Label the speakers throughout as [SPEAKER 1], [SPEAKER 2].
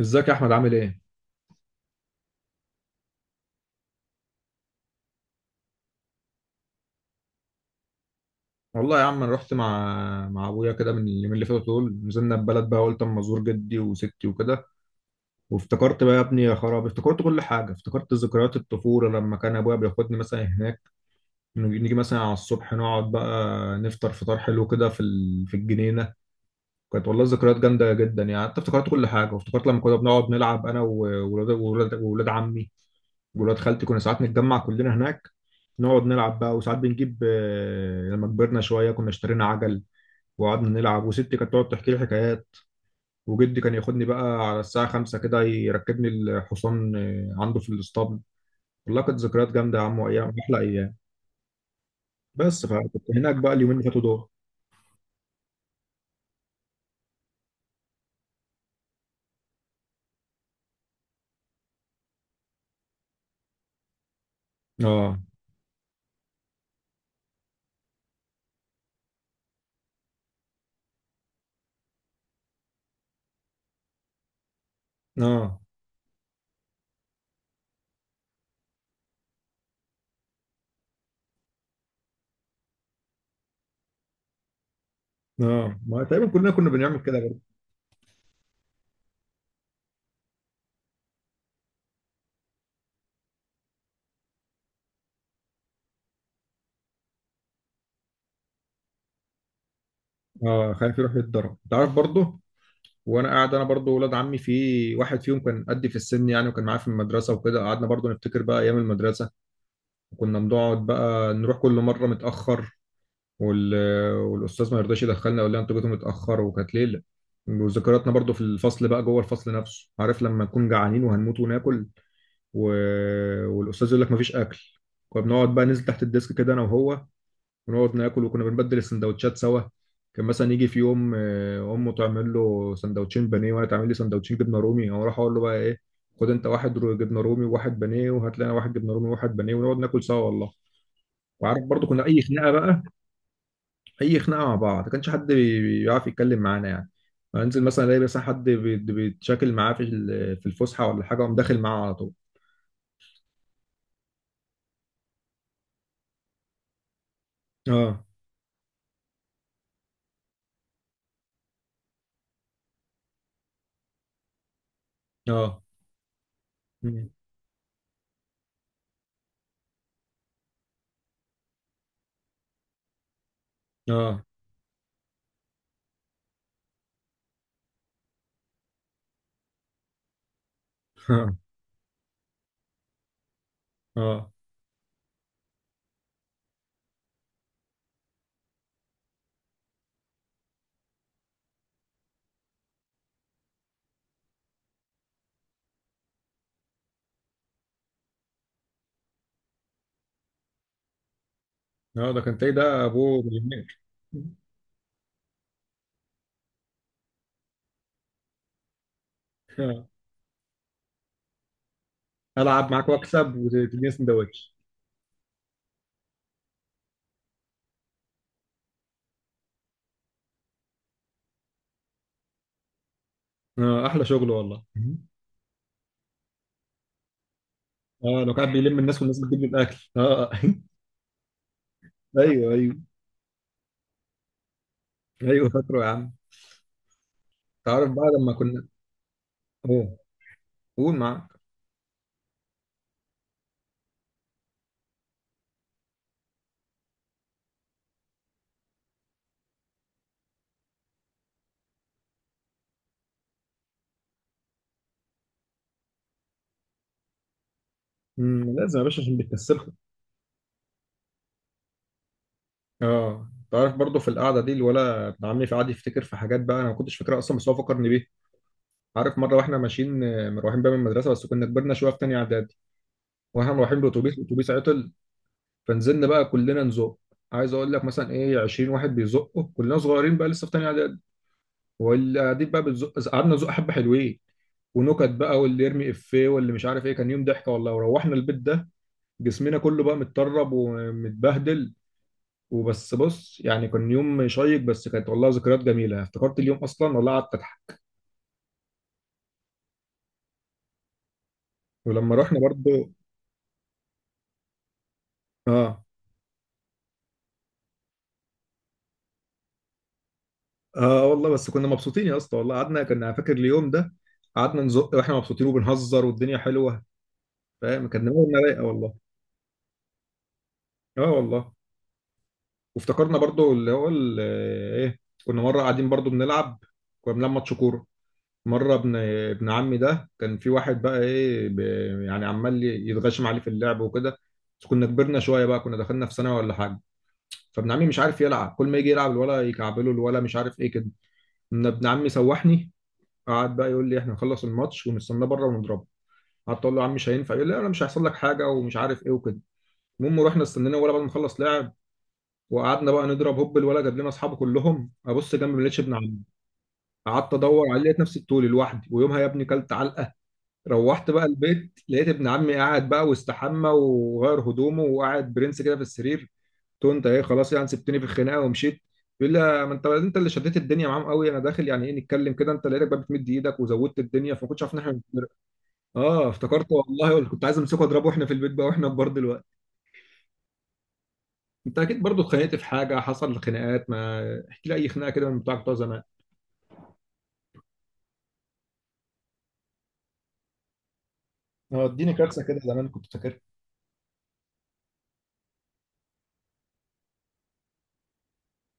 [SPEAKER 1] ازيك يا احمد، عامل ايه؟ والله يا عم، انا رحت مع ابويا كده من اليومين اللي فاتوا دول. نزلنا البلد بقى، قلت اما ازور جدي وستي وكده. وافتكرت بقى يا ابني يا خراب، افتكرت كل حاجه، افتكرت ذكريات الطفوله لما كان ابويا بياخدني مثلا هناك. نيجي مثلا على الصبح، نقعد بقى نفطر فطار حلو كده في الجنينه. كانت والله ذكريات جامده جدا يعني. حتى افتكرت كل حاجه، وافتكرت لما كنا بنقعد نلعب انا وولاد وولاد عمي وولاد خالتي. كنا ساعات نتجمع كلنا هناك نقعد نلعب بقى. وساعات بنجيب لما كبرنا شويه كنا اشترينا عجل وقعدنا نلعب. وستي كانت تقعد تحكي لي حكايات، وجدي كان ياخدني بقى على الساعة 5 كده يركبني الحصان عنده في الاسطبل. والله كانت ذكريات جامدة يا عم، وأيام أحلى أيام. بس فكنت هناك بقى اليومين اللي فاتوا دول. اه. اه. اه. ما تقريبا كلنا كنا بنعمل كده برضه. اه، خايف يروح يتضرب، انت عارف برضه. وانا قاعد، انا برضه ولاد عمي في واحد فيهم كان قدي في السن يعني، وكان معايا في المدرسه وكده، قعدنا برضه نفتكر بقى ايام المدرسه. وكنا بنقعد بقى نروح كل مره متاخر، وال... والاستاذ ما يرضاش يدخلنا، يقول لنا انتوا جيتوا متاخر. وكانت ليله. وذكرياتنا برضو في الفصل بقى، جوه الفصل نفسه، عارف لما نكون جعانين وهنموت وناكل و... والاستاذ يقول لك مفيش اكل. كنا بنقعد بقى ننزل تحت الديسك كده انا وهو، ونقعد ناكل. وكنا بنبدل السندوتشات سوا. كان مثلا يجي في يوم امه تعمل له سندوتشين بانيه، وانا تعمل لي سندوتشين جبنه رومي. او اروح اقول له بقى: ايه، خد انت واحد جبنه رومي وواحد بانيه، وهات لنا واحد جبنه رومي وواحد بانيه، ونقعد ناكل سوا والله. وعارف برضو كنا اي خناقه بقى، اي خناقه مع بعض، ما كانش حد بيعرف يتكلم معانا يعني. انزل مثلا الاقي مثلا حد بيتشاكل معاه في في الفسحه ولا حاجه، اقوم داخل معاه على طول. اه. اه. مم. اه. اه. اه. ده كان تلاقي ده ابوه مليونير. آه. العب معاك واكسب وتديني سندوتش. اه، احلى شغل والله. مم. اه، لو كان بيلم الناس والناس بتجيب له الاكل. اه ايوه ايوه. ايوه فاكره يا عم. تعرف بقى لما كنا. اوه. قول معاك. مم، لازم يا باشا عشان بتكسبكم. اه، تعرف برضه في القعده دي الولا ابن عمي في قعد يفتكر في حاجات بقى انا ما كنتش فاكرها اصلا، بس هو فكرني بيها. عارف مره واحنا ماشيين مروحين بقى من المدرسه، بس كنا كبرنا شويه، في تانيه اعدادي، واحنا مروحين بالاتوبيس، الاتوبيس عطل. فنزلنا بقى كلنا نزق. عايز اقول لك مثلا ايه، 20 واحد بيزقوا، كلنا صغيرين بقى لسه في تانيه اعدادي. واللي قاعدين بقى بتزق، قعدنا نزق حبه حلوين، ونكت بقى، واللي يرمي افيه واللي مش عارف ايه. كان يوم ضحكه والله. وروحنا البيت ده جسمنا كله بقى متطرب ومتبهدل. وبس بص، يعني كان يوم شيق. بس كانت والله ذكريات جميله، افتكرت اليوم اصلا والله قعدت اضحك. ولما رحنا برضو. اه. اه والله، بس كنا مبسوطين يا اسطى والله. قعدنا، كنا فاكر اليوم ده، قعدنا نزق واحنا مبسوطين وبنهزر والدنيا حلوه. فاهم كان دماغنا رايقه والله. اه والله. وافتكرنا برضو اللي هو ايه، كنا مره قاعدين برضو بنلعب، كنا بنلعب ماتش كوره. مره ابن عمي ده كان في واحد بقى ايه يعني عمال يتغشم عليه في اللعب وكده. بس كنا كبرنا شويه بقى، كنا دخلنا في ثانوي ولا حاجه. فابن عمي مش عارف يلعب، كل ما يجي يلعب الولا يكعبله، الولا مش عارف ايه كده. إن ابن عمي سوحني. قعد بقى يقول لي احنا هنخلص الماتش ونستناه بره ونضربه. قعدت اقول له: يا عم مش هينفع. يقول لي انا مش هيحصل لك حاجه ومش عارف ايه وكده. المهم رحنا استنينا الولا بعد ما خلص لعب، وقعدنا بقى نضرب. هوب، الولا جاب لنا اصحابه كلهم. ابص جنبي ما لقيتش ابن عمي. قعدت ادور عليه، لقيت نفسي الطول لوحدي. ويومها يا ابني كلت علقه. روحت بقى البيت لقيت ابن عمي قاعد بقى واستحمى وغير هدومه وقاعد برنس كده في السرير. قلت له انت ايه، خلاص يعني سبتني في الخناقه ومشيت؟ بيقول لي: ما انت انت اللي شديت الدنيا معاهم قوي، انا داخل يعني ايه نتكلم كده، انت لقيتك بقى بتمد ايدك وزودت الدنيا، فما كنتش عارف ان احنا بنتفرق. اه افتكرت والله، ولا كنت عايز امسكه اضربه واحنا في البيت بقى واحنا كبار دلوقتي. انت اكيد برضو اتخانقت في حاجه، حصل خناقات ما. احكي لي اي خناقه كده من بتوعك بتوع زمان. اه، اديني كارثه كده زمان كنت فاكرها.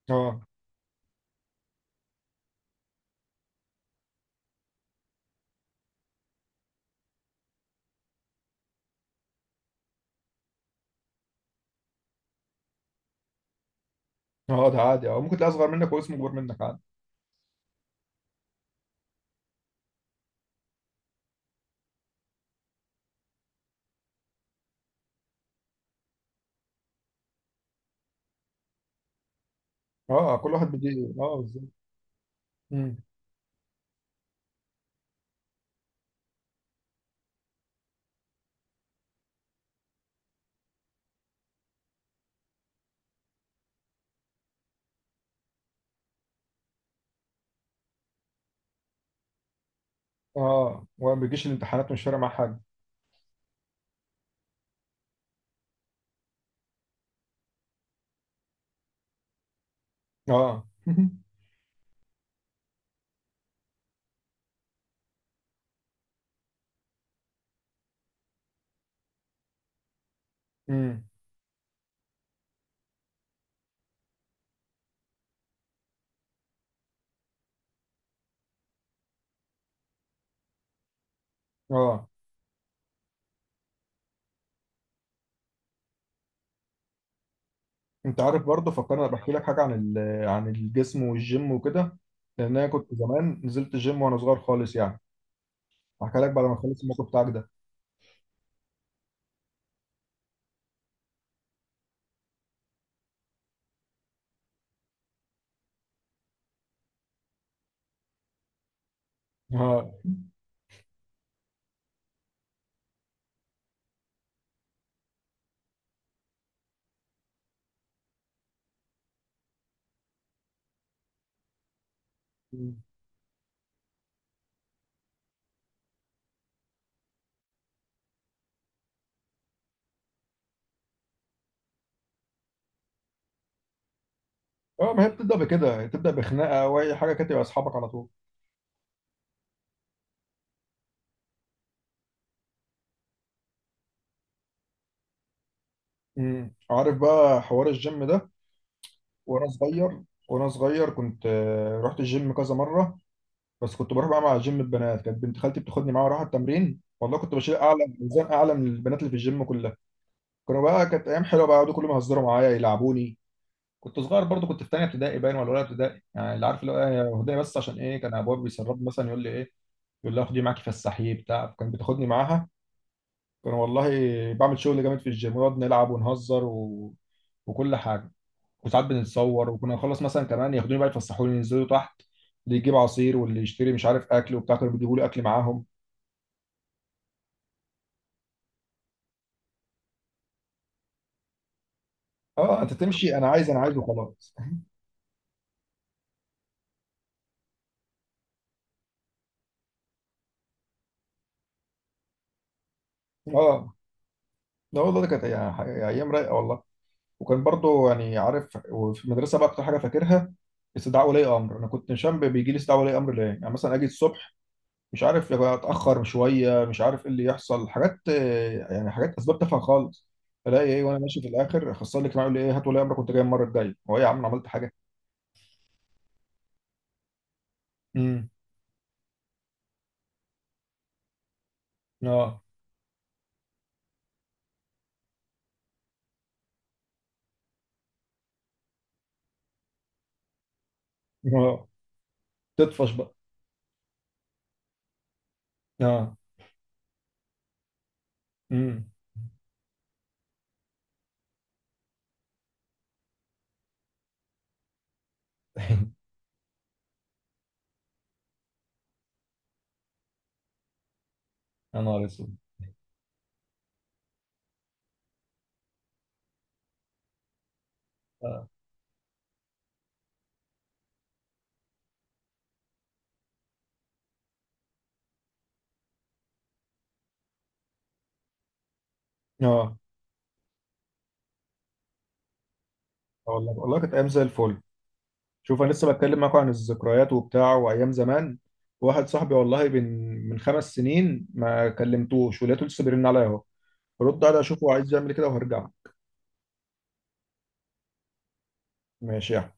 [SPEAKER 1] اه. اه، ده عادي. اه ممكن تلاقي اصغر منك واسمه اكبر منك عادي. اه، كل واحد بيجي. اه، بالظبط. امم. اه، وما بيجيش الامتحانات مش فارق معاه حاجه. اه امم. اه، انت عارف برضه فكرني انا بحكي لك حاجه عن عن الجسم والجيم وكده. لان انا كنت زمان نزلت الجيم وانا صغير خالص يعني. هحكي لك بعد ما اخلص الموقف بتاعك ده. اه. اه، ما هي بتبدا بكده، تبدا بخناقه او اي حاجه كده يبقى اصحابك على طول. امم. عارف بقى حوار الجيم ده، وانا صغير وانا صغير كنت رحت الجيم كذا مره. بس كنت بروح بقى مع جيم البنات، كانت بنت خالتي بتاخدني معاها اروح التمرين. والله كنت بشيل اعلى ميزان اعلى من البنات اللي في الجيم كلها. كانوا بقى كانت ايام حلوه بقى، يقعدوا كل ما يهزروا معايا يلعبوني. كنت صغير برضو كنت في تانية ابتدائي باين ولا اولى ابتدائي يعني، اللي عارف اللي هو هديه. بس عشان ايه كان ابويا بيسرب مثلا يقول لي ايه، يقول لي خدي معاكي فسحيه بتاع، كان بتاخدني معاها. كان والله بعمل شغل جامد في الجيم، ونقعد نلعب ونهزر وكل حاجه. وساعات بنتصور. وكنا نخلص مثلا كمان، ياخدوني بقى يفسحوني، ينزلوا تحت اللي يجيب عصير واللي يشتري مش عارف اكل وبتاع، كانوا بيجيبوا لي اكل معاهم. اه، انت تمشي انا عايز انا عايز وخلاص. اه لا والله، ده كانت يعني ايام رايقه والله. وكان برضو يعني عارف، وفي المدرسه بقى اكتر حاجه فاكرها استدعاء ولي امر. انا كنت نشان بيجي لي استدعاء ولي امر ليه. يعني مثلا اجي الصبح، مش عارف يبقى اتاخر شويه، مش عارف ايه اللي يحصل، حاجات يعني حاجات اسباب تافهه خالص. الاقي ايه وانا ماشي في الاخر اخصائي الاجتماعي يقول لي: ايه، هات ولي امرك كنت جاي المره الجايه. هو ايه يا عم، أنا عملت حاجه؟ امم. اه اه، تطفش بقى. اه. امم. يا نهار اسود. اه. اه. والله والله كانت ايام زي الفل. شوف انا لسه بتكلم معاكم عن الذكريات وبتاع وايام زمان. واحد صاحبي والله من 5 سنين ما كلمتوش، ولقيته لسه بيرن عليا اهو. رد عليه اشوفه عايز يعمل كده وهرجع. ماشي يا